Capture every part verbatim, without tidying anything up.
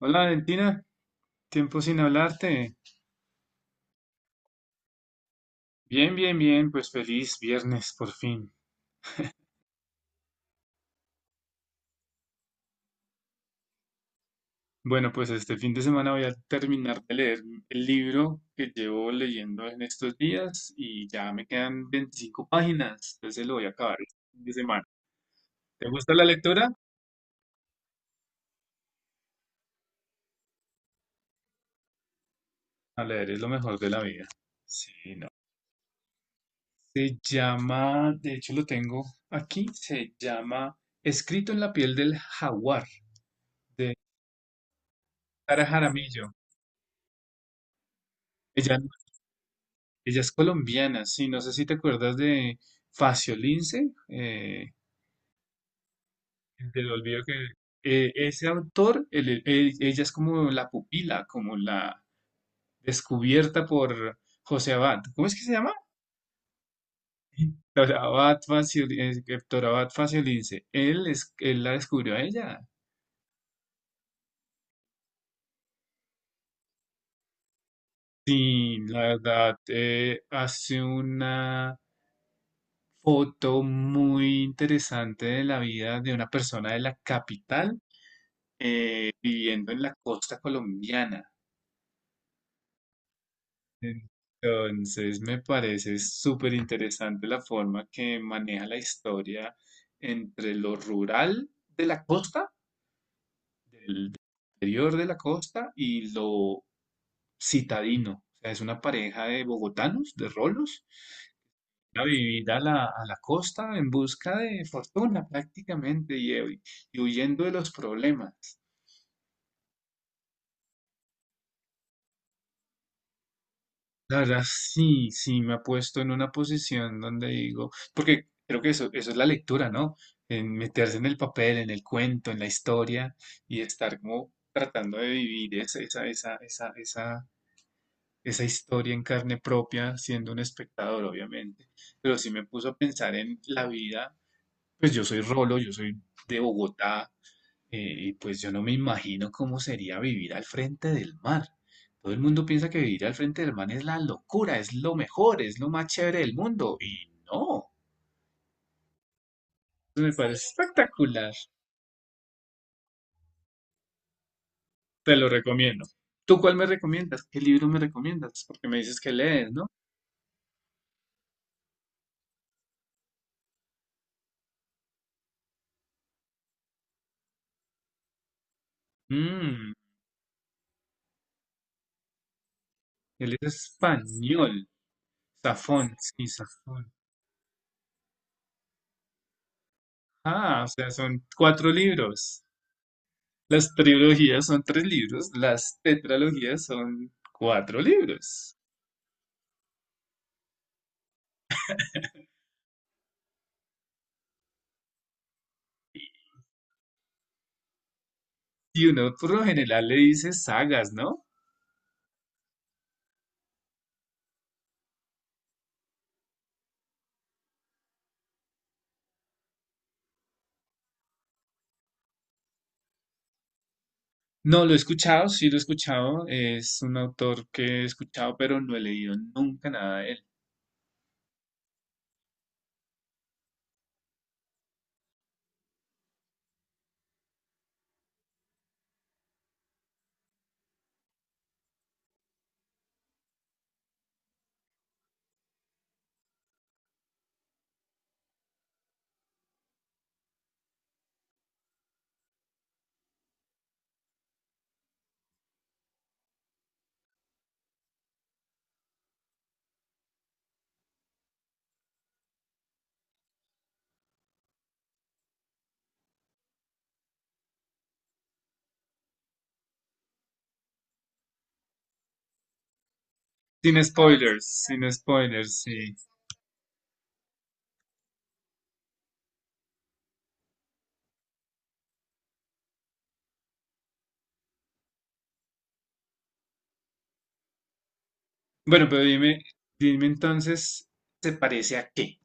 Hola Valentina, tiempo sin hablarte. Bien, bien, bien, pues feliz viernes por fin. Bueno, pues este fin de semana voy a terminar de leer el libro que llevo leyendo en estos días y ya me quedan veinticinco páginas, entonces lo voy a acabar este fin de semana. ¿Te gusta la lectura? A leer es lo mejor de la vida. Sí, no. Se llama, de hecho lo tengo aquí, se llama Escrito en la piel del jaguar de Sara Jaramillo. Ella Ella es colombiana, sí, no sé si te acuerdas de Facio Lince. Eh, el del olvido que eh, Ese autor, el- el- ella es como la pupila, como la descubierta por José Abad. ¿Cómo es que se llama? Doctor Abad Facio, eh, Doctor Abad Facio Lince. Él, es, él la descubrió a ella. Sí, la verdad, eh, hace una foto muy interesante de la vida de una persona de la capital, eh, viviendo en la costa colombiana. Entonces me parece súper interesante la forma que maneja la historia entre lo rural de la costa, del interior de la costa, y lo citadino. O sea, es una pareja de bogotanos, de rolos, a vivir a la, a la costa en busca de fortuna prácticamente, y, y huyendo de los problemas. La verdad, sí, sí, me ha puesto en una posición donde digo, porque creo que eso, eso es la lectura, ¿no? En meterse en el papel, en el cuento, en la historia, y estar como tratando de vivir esa, esa, esa, esa, esa, esa historia en carne propia, siendo un espectador, obviamente. Pero sí me puso a pensar en la vida, pues yo soy Rolo, yo soy de Bogotá, eh, y pues yo no me imagino cómo sería vivir al frente del mar. Todo el mundo piensa que vivir al frente del mar es la locura, es lo mejor, es lo más chévere del mundo. Y no, me parece espectacular. Te lo recomiendo. ¿Tú cuál me recomiendas? ¿Qué libro me recomiendas? Porque me dices que lees, ¿no? Mmm, Él es español. Safón, sí, Safón. Ah, o sea, son cuatro libros. Las trilogías son tres libros, las tetralogías son cuatro libros. Y uno por lo general le dice sagas, ¿no? No, lo he escuchado, sí lo he escuchado. Es un autor que he escuchado, pero no he leído nunca nada de él. Sin spoilers, sin spoilers, sí. Bueno, pero dime, dime entonces, ¿se parece a qué?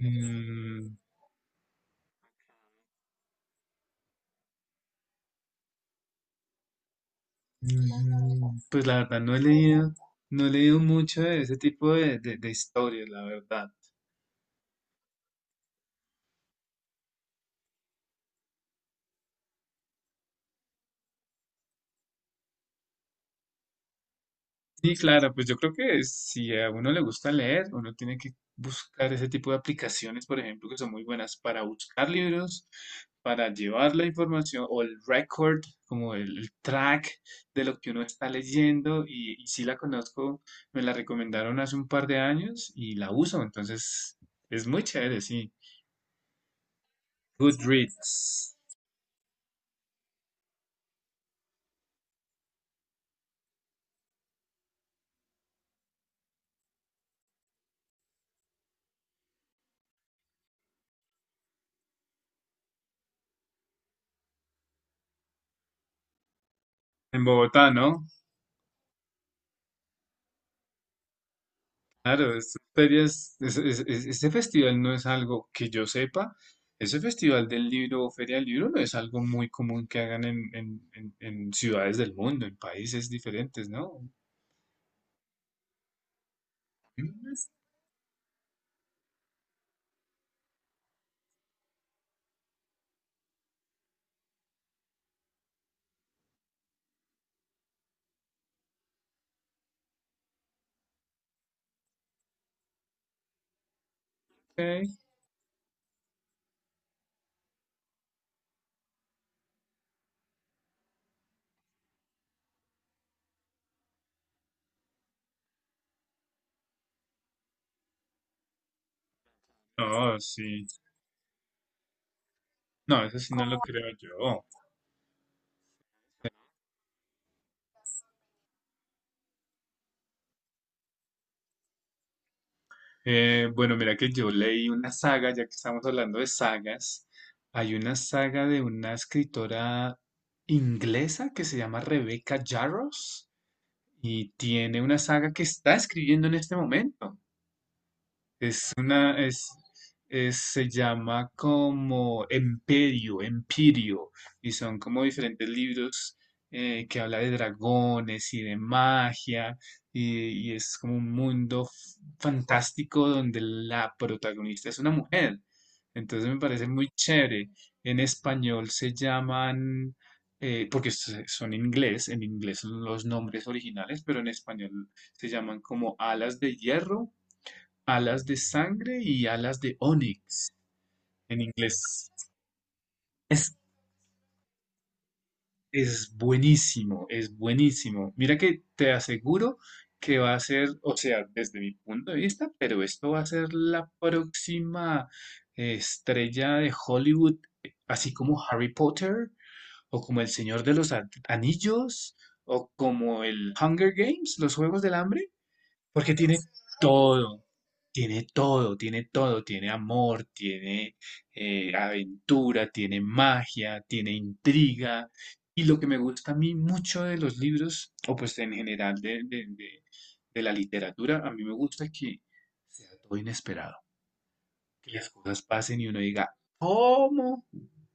Mm, mm, pues la verdad no he leído, no he leído mucho de ese tipo de, de, de historias, la verdad. Sí, claro, pues yo creo que si a uno le gusta leer, uno tiene que buscar ese tipo de aplicaciones, por ejemplo, que son muy buenas para buscar libros, para llevar la información o el record, como el, el track de lo que uno está leyendo. Y, y sí la conozco, me la recomendaron hace un par de años y la uso, entonces es muy chévere, sí. Goodreads, en Bogotá, ¿no? Claro, estas ferias, es- es- es- este festival no es algo que yo sepa. Ese festival del libro o feria del libro no es algo muy común que hagan en, en- en- en ciudades del mundo, en países diferentes, ¿no? Mm, ok. No, sí. No, eso sí no lo creo yo. Eh, bueno, mira que yo leí una saga, ya que estamos hablando de sagas. Hay una saga de una escritora inglesa que se llama Rebecca Yarros, y tiene una saga que está escribiendo en este momento. Es una, es, es- Se llama como Emperio, Empirio, y son como diferentes libros, eh, que habla de dragones y de magia, y, y es como un mundo f- fantástico donde la protagonista es una mujer. Entonces me parece muy chévere. En español se llaman, eh, porque s- son en inglés, en inglés, son los nombres originales, pero en español se llaman como Alas de Hierro, Alas de Sangre y Alas de Onix en inglés. Es, es buenísimo, es buenísimo. Mira que te aseguro que va a ser, o sea, desde mi punto de vista, pero esto va a ser la próxima, eh, estrella de Hollywood, eh, así como Harry Potter, o como El Señor de los A- Anillos, o como el Hunger Games, los Juegos del Hambre, porque tiene todo. Tiene todo, tiene todo, tiene amor, tiene, eh, aventura, tiene magia, tiene intriga. Y lo que me gusta a mí mucho de los libros, o pues en general de, de- de- de la literatura, a mí me gusta que sea todo inesperado, que las cosas pasen y uno diga, ¿cómo?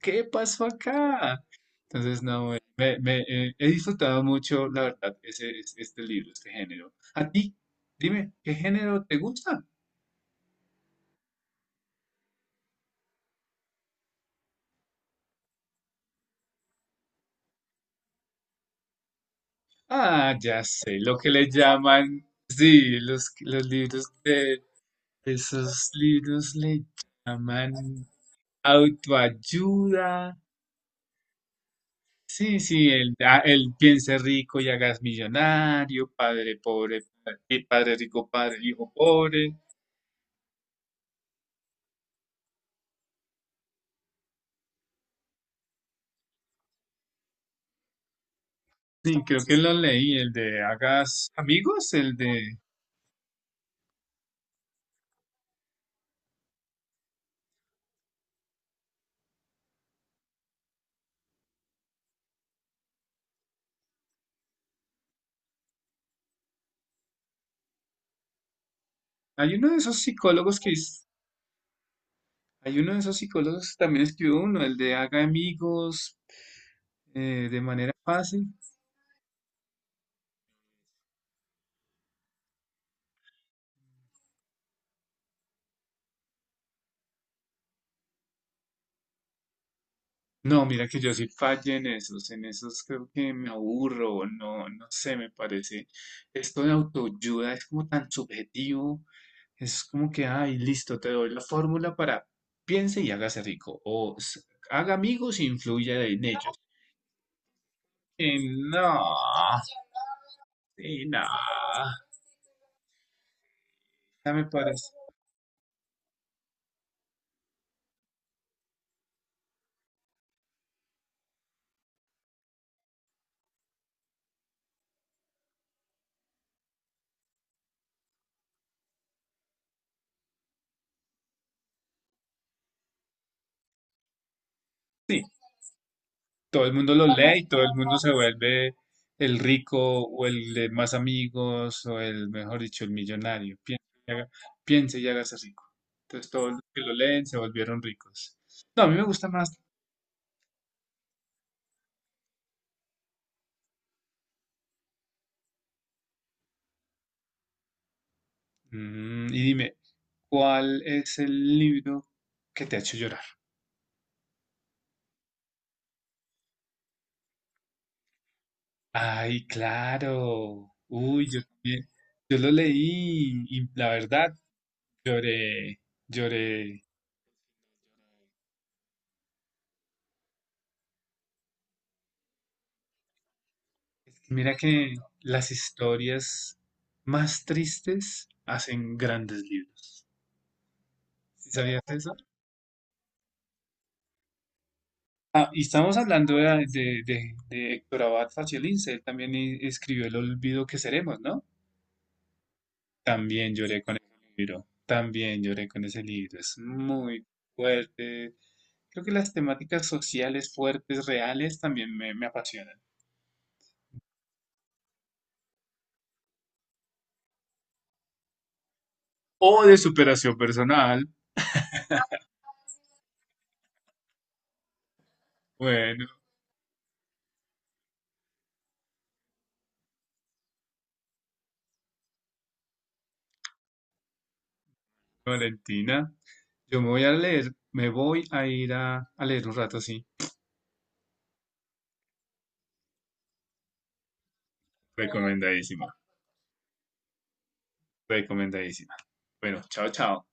¿Qué pasó acá? Entonces, no, eh, me, me, eh, he disfrutado mucho, la verdad, ese, es- este libro, este género. ¿A ti? Dime, ¿qué género te gusta? Ah, ya sé, lo que le llaman, sí, los, los libros de esos libros le llaman autoayuda. Sí, sí, el, ah, el piense rico y hagas millonario, padre pobre, padre, padre rico, padre hijo pobre. Sí, creo que lo leí, el de hagas amigos, el de... Hay uno de esos psicólogos que... es- Hay uno de esos psicólogos que también escribió uno, el de haga amigos, eh, de manera fácil. No, mira que yo sí fallé en esos, en esos, creo que me aburro, no, no sé, me parece. Esto de autoayuda es como tan subjetivo, es como que, ay, listo, te doy la fórmula para piense y hágase rico, o s- haga amigos e influya en ellos. Eh, no, sí, no, ya me parece. Sí. Todo el mundo lo lee y todo el mundo se vuelve el rico o el de más amigos o el, mejor dicho, el millonario. Piense y haga- piense y hágase rico. Entonces todos los que lo leen se volvieron ricos. No, a mí me gusta más. Mm, y dime, ¿cuál es el libro que te ha hecho llorar? Ay, claro. Uy, yo también. Yo lo leí y la verdad, lloré, lloré. Mira que las historias más tristes hacen grandes libros. ¿Sí sabías eso? Ah, y estamos hablando de, de, de- de Héctor Abad Faciolince. Él también e- escribió El olvido que seremos, ¿no? También lloré con ese libro. También lloré con ese libro. Es muy fuerte. Creo que las temáticas sociales fuertes, reales, también me, me apasionan. O de superación personal. Bueno, Valentina, yo me voy a leer, me voy a ir a, a leer un rato, sí. Recomendadísima, recomendadísima. Bueno, chao, chao.